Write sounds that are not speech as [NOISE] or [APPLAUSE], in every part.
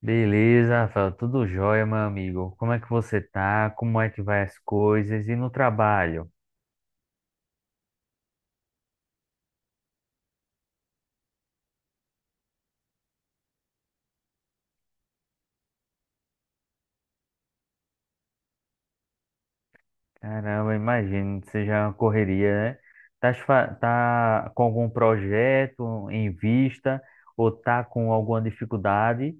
Beleza, Rafael, tudo jóia, meu amigo. Como é que você tá? Como é que vai as coisas? E no trabalho? Caramba, imagino que seja uma correria, né? Tá, tá com algum projeto em vista ou tá com alguma dificuldade?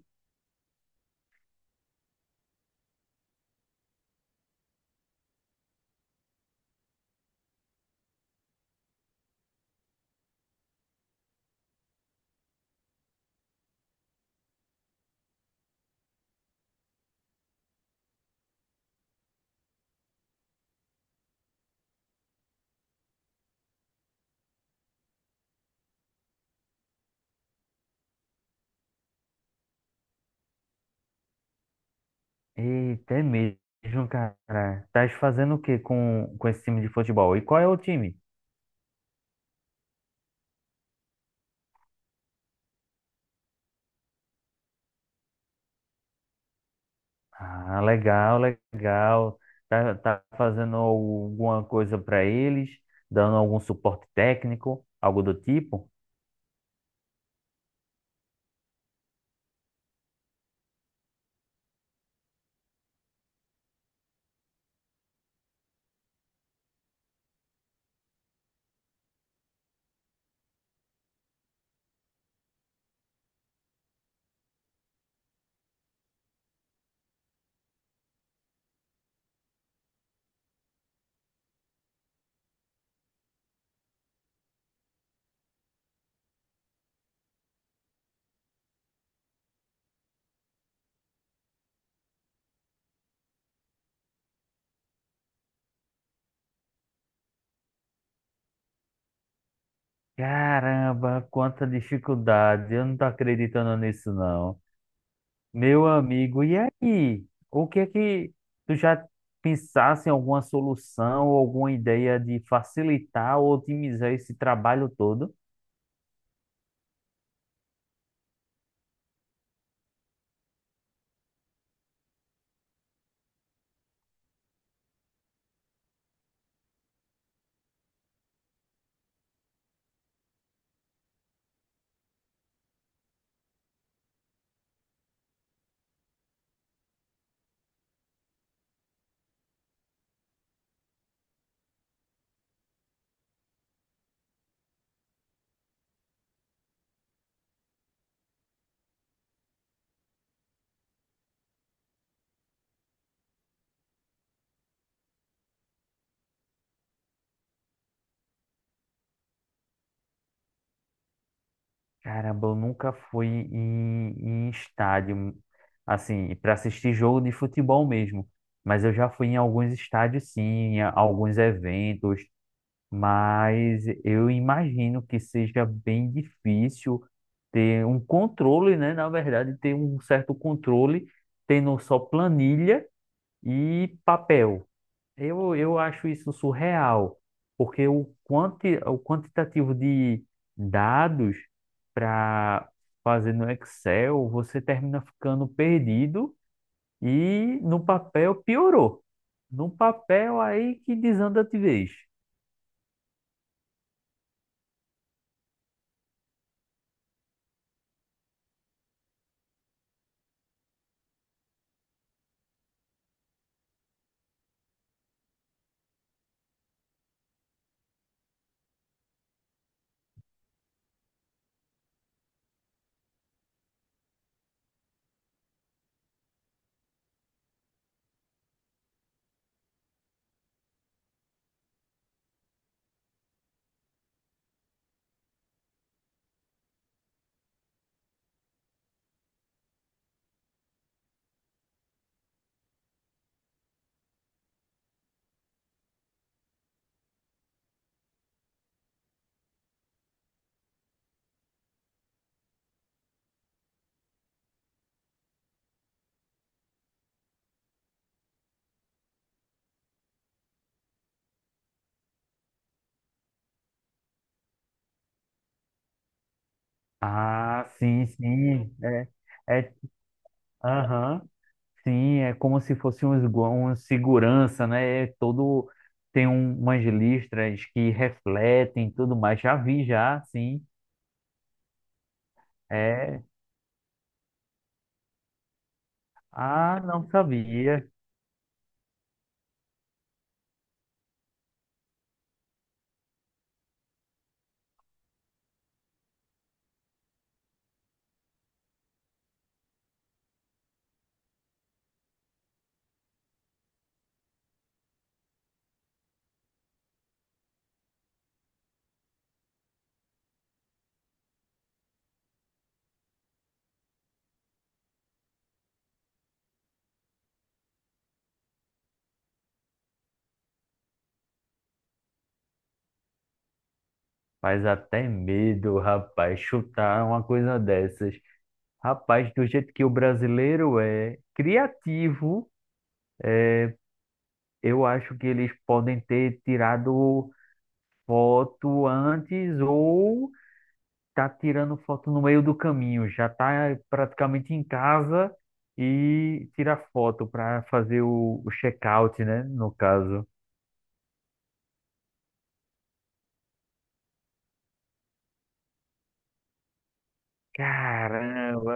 Eita, é mesmo, cara. Tá fazendo o que com esse time de futebol? E qual é o time? Ah, legal, legal. Tá, tá fazendo alguma coisa para eles, dando algum suporte técnico, algo do tipo? Caramba, quanta dificuldade. Eu não tô acreditando nisso, não. Meu amigo, e aí? O que é que tu já pensasse em alguma solução, alguma ideia de facilitar ou otimizar esse trabalho todo? Caramba, eu nunca fui em estádio, assim, para assistir jogo de futebol mesmo. Mas eu já fui em alguns estádios, sim, em alguns eventos. Mas eu imagino que seja bem difícil ter um controle, né? Na verdade, ter um certo controle, tendo só planilha e papel. Eu acho isso surreal, porque o quantitativo de dados para fazer no Excel, você termina ficando perdido e no papel piorou. No papel aí que desanda de vez. Ah, sim, sim. É, é, aham, sim, é como se fosse um, um segurança, né? É todo, tem umas listras que refletem e tudo mais. Já vi, já, sim. É, ah, não sabia. Faz até medo, rapaz, chutar uma coisa dessas. Rapaz, do jeito que o brasileiro é criativo, eu acho que eles podem ter tirado foto antes ou tá tirando foto no meio do caminho, já tá praticamente em casa e tira foto para fazer o check-out, né, no caso. Caramba!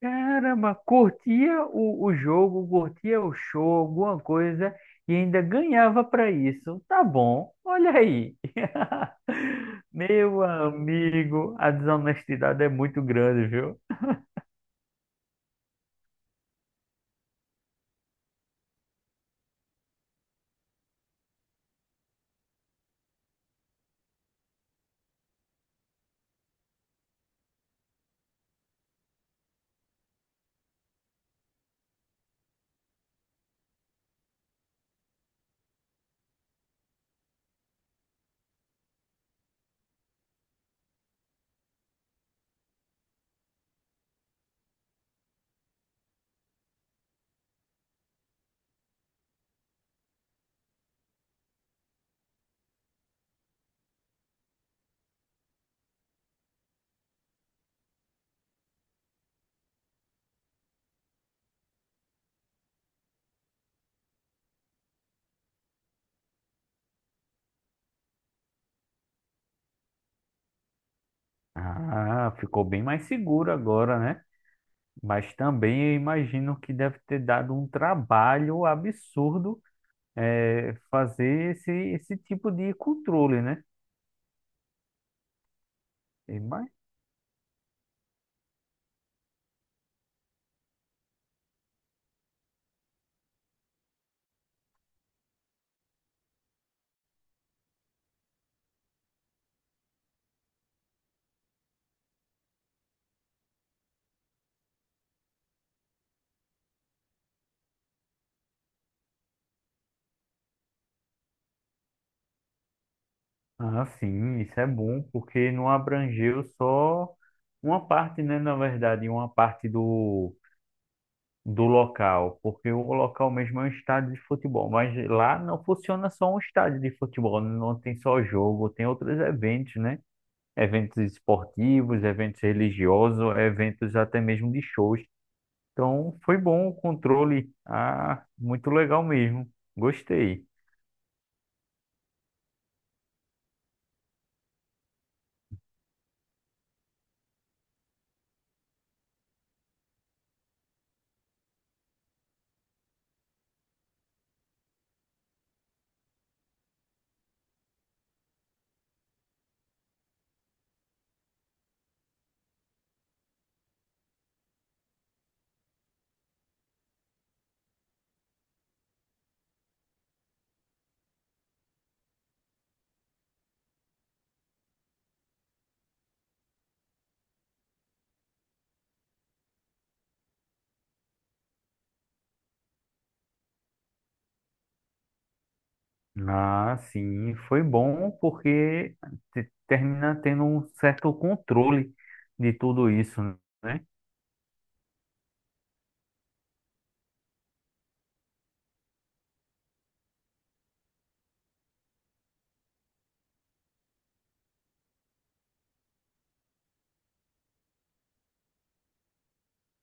Caramba, curtia o jogo, curtia o show, alguma coisa, e ainda ganhava para isso. Tá bom, olha aí. [LAUGHS] Meu amigo, a desonestidade é muito grande, viu? Ah, ficou bem mais seguro agora, né? Mas também eu imagino que deve ter dado um trabalho absurdo fazer esse tipo de controle, né? Ah, sim, isso é bom, porque não abrangeu só uma parte, né, na verdade, uma parte do local, porque o local mesmo é um estádio de futebol, mas lá não funciona só um estádio de futebol, não tem só jogo, tem outros eventos, né? Eventos esportivos, eventos religiosos, eventos até mesmo de shows. Então, foi bom o controle. Ah, muito legal mesmo. Gostei. Ah, sim, foi bom porque termina tendo um certo controle de tudo isso, né?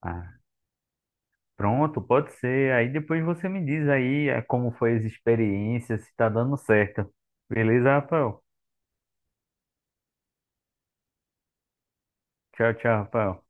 Ah, pronto, pode ser. Aí depois você me diz aí como foi as experiências, se tá dando certo. Beleza, Rafael? Tchau, tchau, Rafael.